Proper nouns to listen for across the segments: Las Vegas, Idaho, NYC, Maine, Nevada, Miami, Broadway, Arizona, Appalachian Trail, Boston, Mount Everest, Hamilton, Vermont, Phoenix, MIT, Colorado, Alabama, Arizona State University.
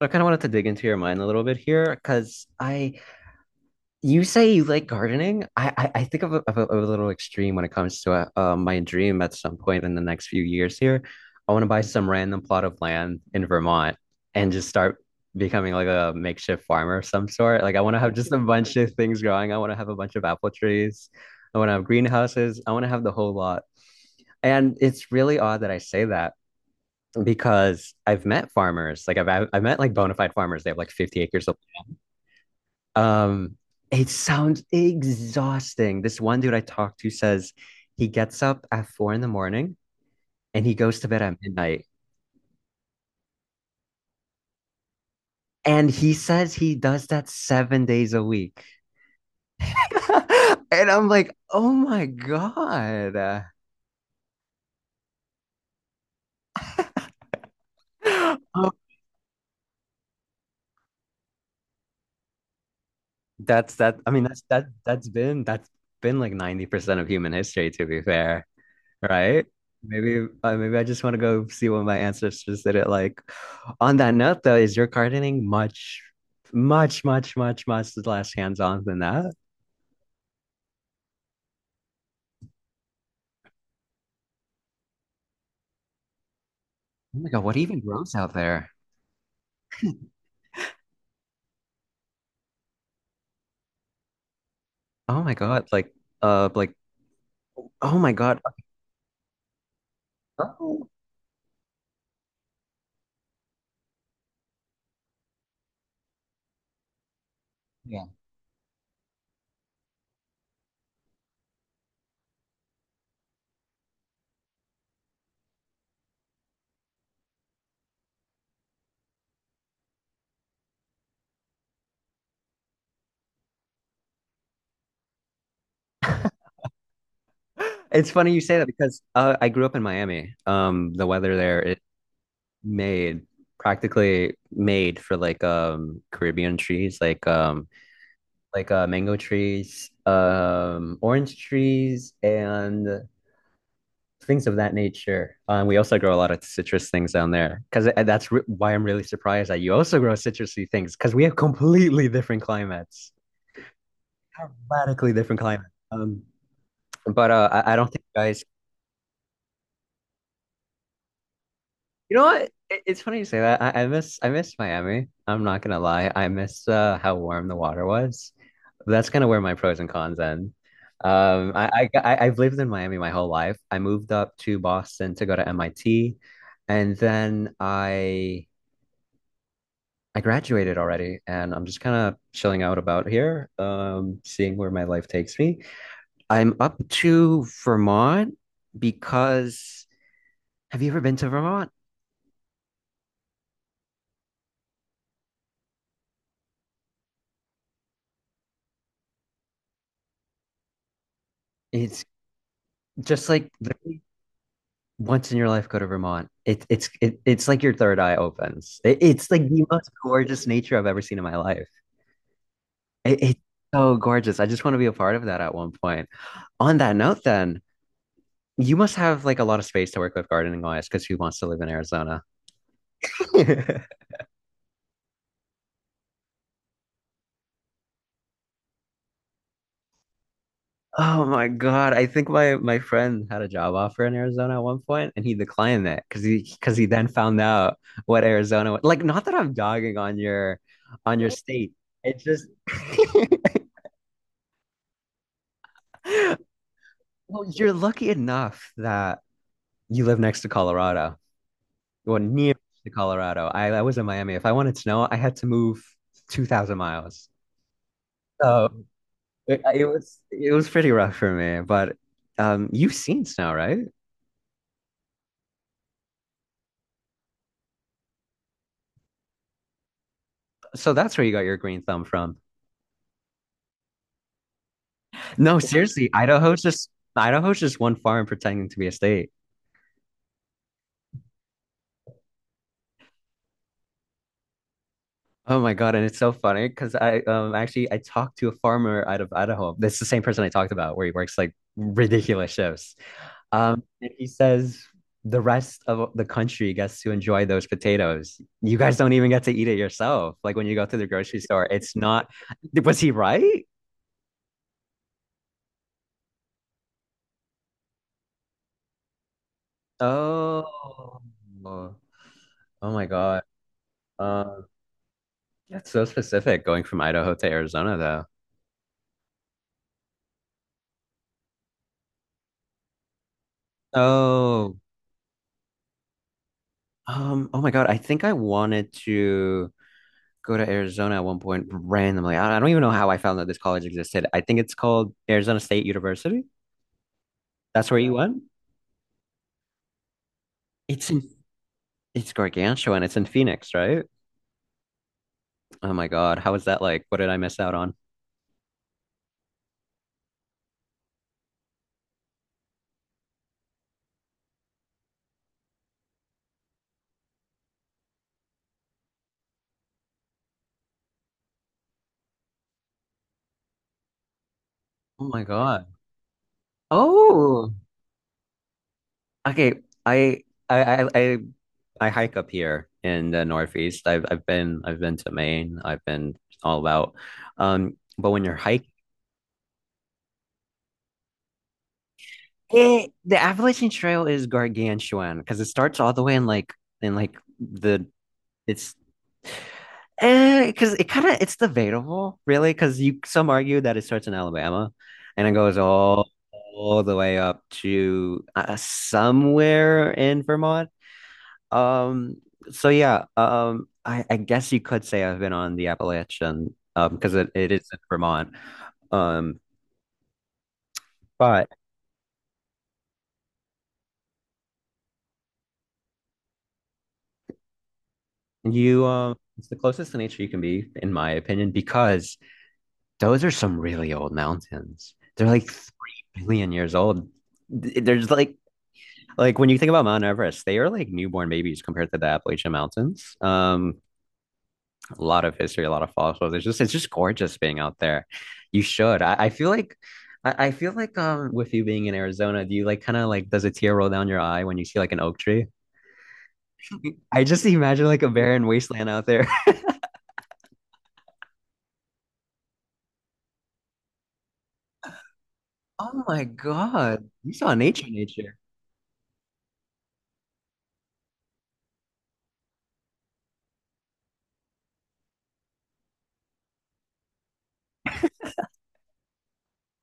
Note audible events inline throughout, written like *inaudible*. So I kind of wanted to dig into your mind a little bit here because you say you like gardening. I think of a little extreme when it comes to my dream at some point in the next few years here. I want to buy some random plot of land in Vermont and just start becoming like a makeshift farmer of some sort. Like I want to have just a bunch of things growing. I want to have a bunch of apple trees. I want to have greenhouses. I want to have the whole lot. And it's really odd that I say that because I've met farmers, like I've met like bona fide farmers. They have like 50 acres of land. It sounds exhausting. This one dude I talked to says he gets up at 4 in the morning and he goes to bed at midnight. And he says he does that 7 days a week. *laughs* And I'm like, oh my God. *gasps* Oh, that's that. I mean, that's been like 90% of human history, to be fair. Right? Maybe I just want to go see what my ancestors did it like. On that note, though, is your gardening much, much, much, much, much less hands-on than that? Oh my God, what even grows out there? Oh my God, uh like oh my God. Oh, yeah. *gasps* It's funny you say that because I grew up in Miami. The weather there is made practically made for like Caribbean trees, like mango trees, orange trees, and things of that nature. We also grow a lot of citrus things down there because that's re why I'm really surprised that you also grow citrusy things because we have completely different climates, radically different climates. But I don't think you guys. You know what? It's funny you say that. I miss Miami. I'm not gonna lie. I miss how warm the water was. That's kind of where my pros and cons end. I've lived in Miami my whole life. I moved up to Boston to go to MIT, and then I graduated already, and I'm just kind of chilling out about here, seeing where my life takes me. I'm up to Vermont because have you ever been to Vermont? It's just like literally once in your life go to Vermont. It's like your third eye opens. It's like the most gorgeous nature I've ever seen in my life. It's so gorgeous. I just want to be a part of that at one point. On that note, then, you must have like a lot of space to work with gardening wise, because who wants to live in Arizona? *laughs* Oh my God. I think my friend had a job offer in Arizona at one point and he declined it because he then found out what Arizona was. Like, not that I'm dogging on your state. It just *laughs* Well, you're lucky enough that you live next to Colorado. Well, near to Colorado. I was in Miami. If I wanted snow, I had to move 2,000 miles. So it was pretty rough for me, but you've seen snow, right? So that's where you got your green thumb from. No, seriously, Idaho's just one farm pretending to be a state. Oh my God, and it's so funny because I talked to a farmer out of Idaho. That's the same person I talked about where he works like ridiculous shifts. And he says the rest of the country gets to enjoy those potatoes. You guys don't even get to eat it yourself. Like when you go to the grocery store, it's not. Was he right? Oh, oh my God. Um, that's so specific going from Idaho to Arizona, though. Oh, oh my God. I think I wanted to go to Arizona at one point randomly. I don't even know how I found that this college existed. I think it's called Arizona State University. That's where you went? It's in It's gargantuan. It's in Phoenix, right? Oh my God. How is that like? What did I miss out on? Oh my God. Oh, okay. I I I I, I hike up here in the Northeast. I've been to Maine. I've been all about. But when you're hiking, the Appalachian Trail is gargantuan because it starts all the way in like the It's eh, because it it's debatable, really, because you some argue that it starts in Alabama and it goes all the way up to somewhere in Vermont. Um, so yeah, I guess you could say I've been on the Appalachian, because it is in Vermont. Um, but it's the closest to nature you can be, in my opinion, because those are some really old mountains. They're like 3 billion years old. There's like when you think about Mount Everest, they are like newborn babies compared to the Appalachian Mountains. A lot of history, a lot of fossils. It's just gorgeous being out there. You should. I feel like with you being in Arizona, do you like kind of like does a tear roll down your eye when you see like an oak tree? *laughs* I just imagine like a barren wasteland out there. *laughs* Oh my God. You saw nature, nature.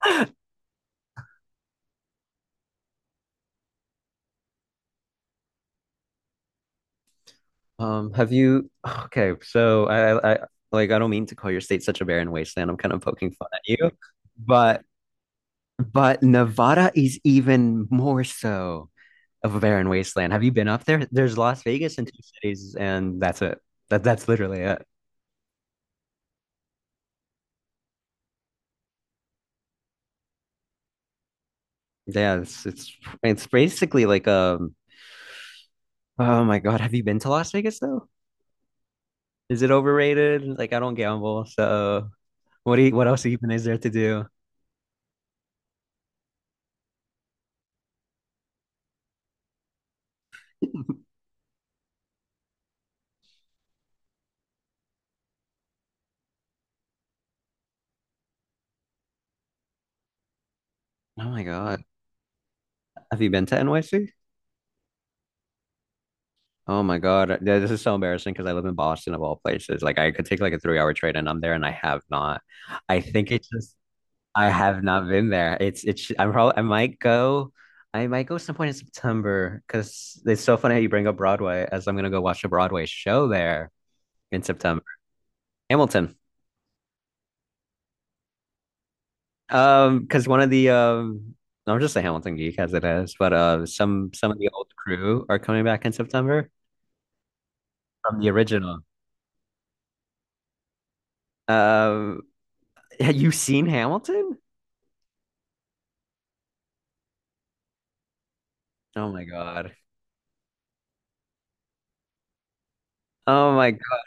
*laughs* Have you? *sighs* Okay, so like, I don't mean to call your state such a barren wasteland. I'm kind of poking fun at you, but Nevada is even more so of a barren wasteland. Have you been up there? There's Las Vegas and two cities, and that's it. That's literally it. Yeah, it's basically like. Oh my God, have you been to Las Vegas though? Is it overrated? Like, I don't gamble, so what else even is there to do? *laughs* Oh my God, have you been to NYC? Oh my God. Yeah, this is so embarrassing because I live in Boston of all places. Like I could take like a 3-hour train and I'm there and I have not. I think it's just I have not been there. It's I'm probably I might go some point in September because it's so funny how you bring up Broadway as I'm gonna go watch a Broadway show there in September. Hamilton. Because one of the I'm just a Hamilton geek as it is, but some of the old crew are coming back in September from the original. Um have you seen Hamilton? Oh my God. Oh my God.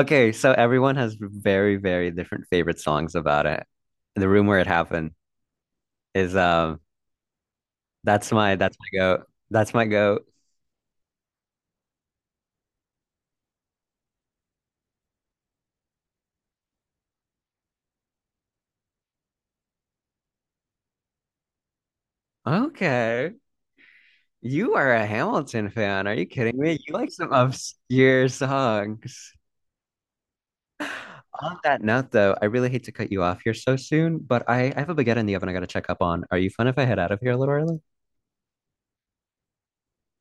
Okay, so everyone has very, very different favorite songs about it. The room where it happened is that's my go. That's my go. Okay. You are a Hamilton fan. Are you kidding me? You like some obscure songs. On that note though, I really hate to cut you off here so soon, but I have a baguette in the oven I gotta check up on. Are you fun if I head out of here a little early?